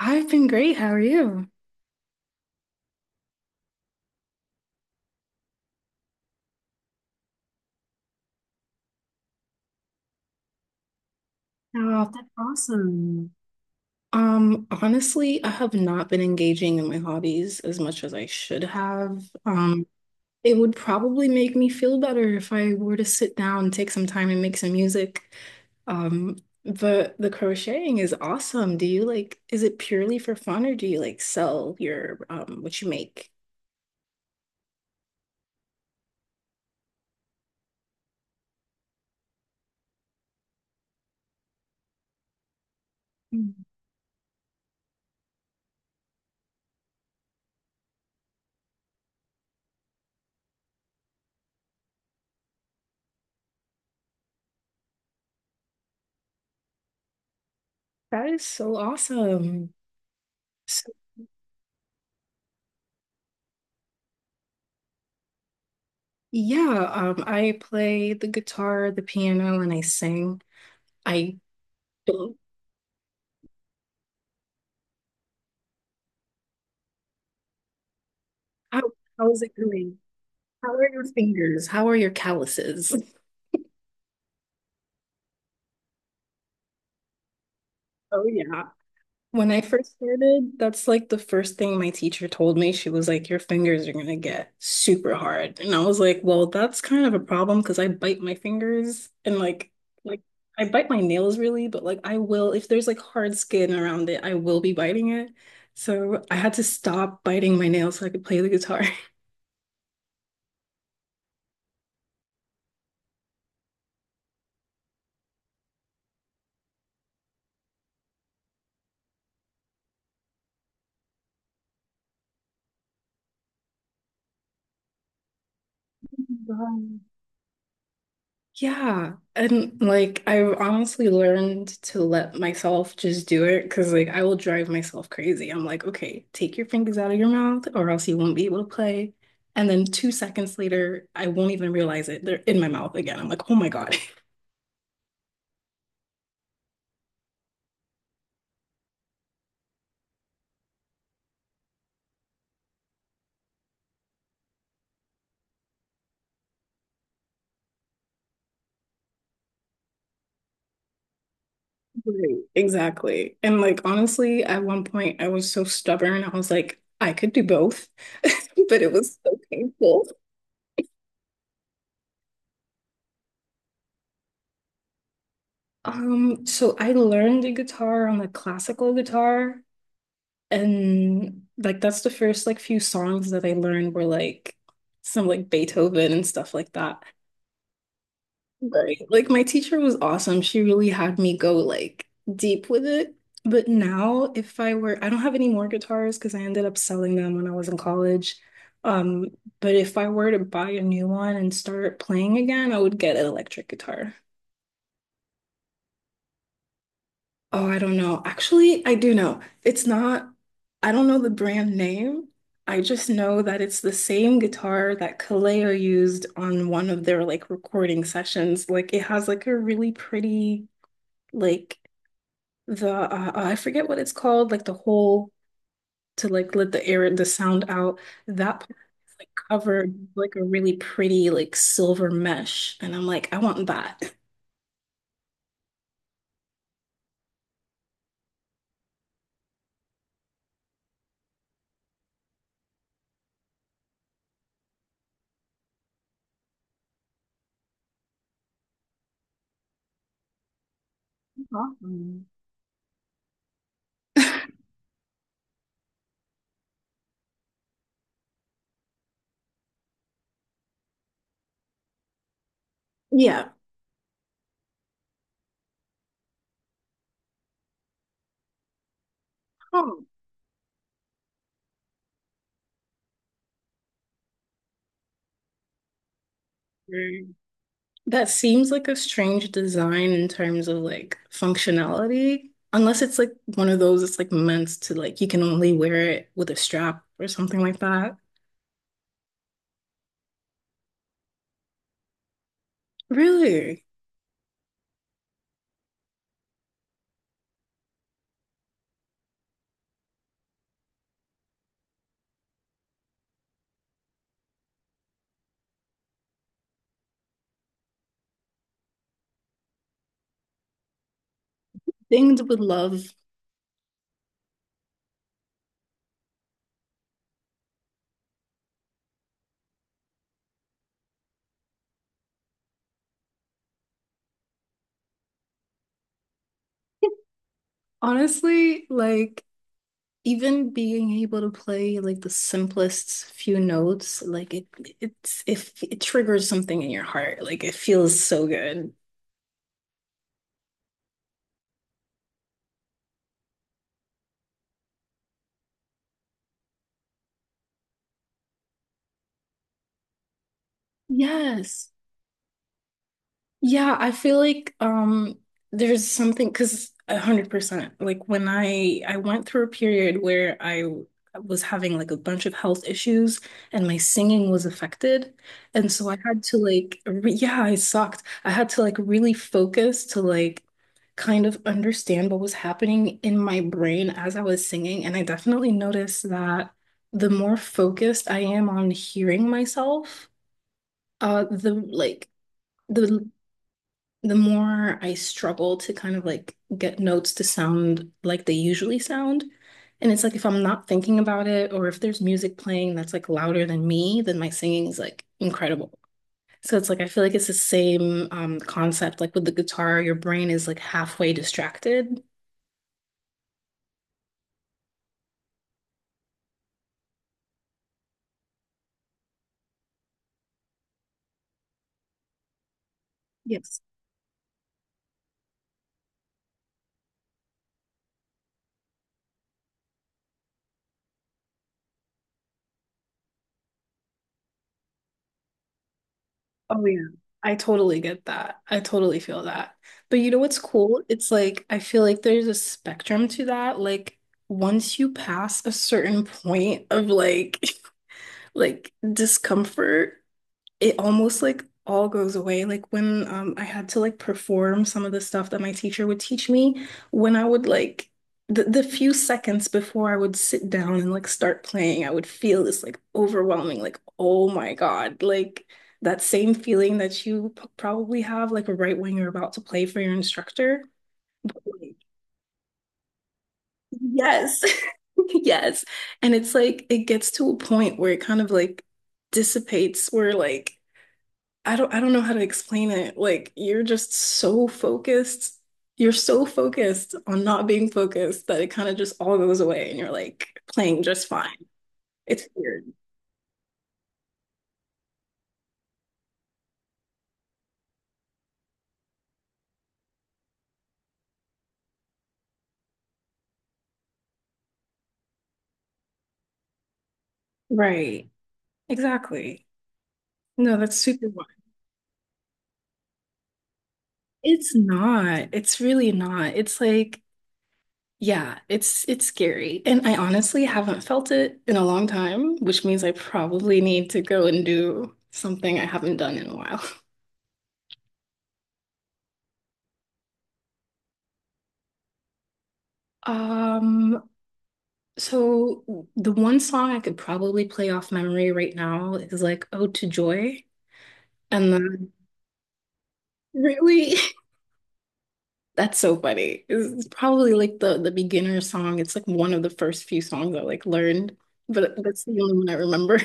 I've been great. How are you? Oh, that's awesome. Honestly, I have not been engaging in my hobbies as much as I should have. It would probably make me feel better if I were to sit down and take some time and make some music. Um, but the crocheting is awesome. Do you like, is it purely for fun or do you like sell your what you make? Mm. That is so awesome. So, yeah, I play the guitar, the piano, and I sing. I don't. How, how is it going? How are your fingers? How are your calluses? Oh, yeah. When I first started, that's like the first thing my teacher told me. She was like, Your fingers are going to get super hard. And I was like, Well, that's kind of a problem because I bite my fingers and like I bite my nails really, but like I will, if there's like hard skin around it, I will be biting it. So I had to stop biting my nails so I could play the guitar. Yeah, and like I've honestly learned to let myself just do it because like I will drive myself crazy. I'm like, okay, take your fingers out of your mouth or else you won't be able to play. And then two seconds later, I won't even realize it. They're in my mouth again. I'm like, oh my God. Right, exactly. And like honestly, at one point I was so stubborn. I was like, I could do both, but it was so painful. So I learned the guitar on the classical guitar, and like that's the first like few songs that I learned were like some like Beethoven and stuff like that. Right. Like my teacher was awesome. She really had me go like deep with it. But now if I were, I don't have any more guitars because I ended up selling them when I was in college. Um, but if I were to buy a new one and start playing again, I would get an electric guitar. Oh, I don't know. Actually, I do know. It's not, I don't know the brand name. I just know that it's the same guitar that Kaleo used on one of their like recording sessions. Like it has like a really pretty like the oh, I forget what it's called, like the hole to like let the air and the sound out. That part is like covered with, like a really pretty like silver mesh, and I'm like, I want that. Awesome. Yeah. Oh, okay. That seems like a strange design in terms of like functionality, unless it's like one of those. It's like meant to like you can only wear it with a strap or something like that. Really? Things with love. Honestly, like even being able to play like the simplest few notes, like it's if it, it triggers something in your heart, like it feels so good. Yes. Yeah, I feel like there's something because 100% like when I went through a period where I was having like a bunch of health issues and my singing was affected and so I had to like re yeah, I sucked. I had to like really focus to like kind of understand what was happening in my brain as I was singing, and I definitely noticed that the more focused I am on hearing myself, the the the more I struggle to kind of like get notes to sound like they usually sound. And it's like if I'm not thinking about it or if there's music playing that's like louder than me, then my singing is like incredible. So it's like I feel like it's the same concept like with the guitar, your brain is like halfway distracted. Yes. Oh yeah. I totally get that. I totally feel that. But you know what's cool? It's like I feel like there's a spectrum to that. Like once you pass a certain point of like like discomfort, it almost like all goes away. Like when I had to like perform some of the stuff that my teacher would teach me, when I would like the few seconds before I would sit down and like start playing, I would feel this like overwhelming, like, oh my God, like that same feeling that you probably have like right when you're about to play for your instructor. But, like, Yes. Yes. And it's like it gets to a point where it kind of like dissipates where like I don't know how to explain it. Like you're just so focused. You're so focused on not being focused that it kind of just all goes away and you're like playing just fine. It's weird. Right. Exactly. No, that's super wild. It's not. It's really not. It's like, yeah, it's scary. And I honestly haven't felt it in a long time, which means I probably need to go and do something I haven't done in a while. Um, So the one song I could probably play off memory right now is like "Ode to Joy," and then really, that's so funny. It's probably like the beginner song. It's like one of the first few songs I like learned, but that's the only one I remember.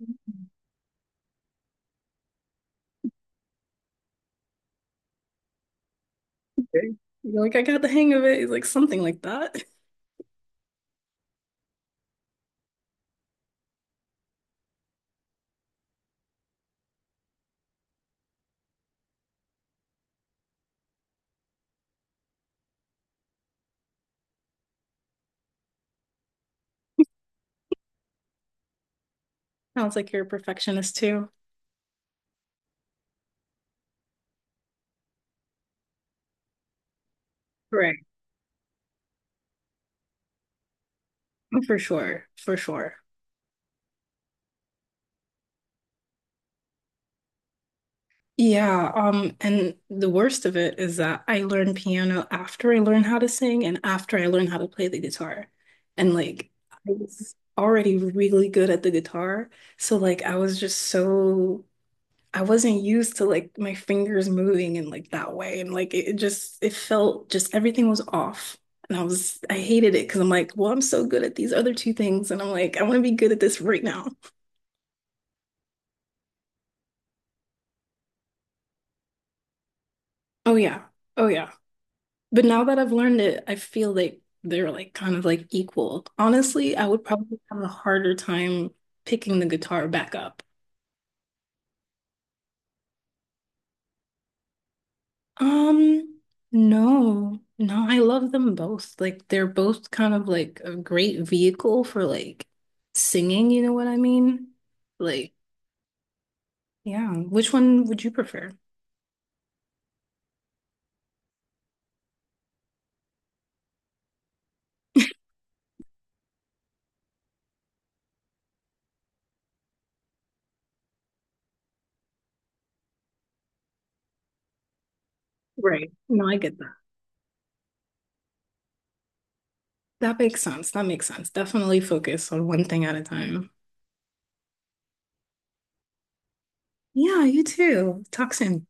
Okay. You're like, I got the hang of it. It's like something like that. Sounds like you're a perfectionist too. Right. For sure, for sure. Yeah, and the worst of it is that I learned piano after I learned how to sing and after I learned how to play the guitar. And like I was already really good at the guitar. So like I was just so I wasn't used to like my fingers moving in like that way. And like it just it felt just everything was off. And I hated it because I'm like, well, I'm so good at these other two things, and I'm like, I want to be good at this right now. Oh yeah. Oh yeah. But now that I've learned it, I feel like they're like kind of like equal. Honestly, I would probably have a harder time picking the guitar back up. Um, no, no, I love them both. Like they're both kind of like a great vehicle for like singing, you know what I mean? Like, yeah, which one would you prefer? Right. No, I get that. That makes sense. That makes sense. Definitely focus on one thing at a time. Yeah, you too. Talk soon.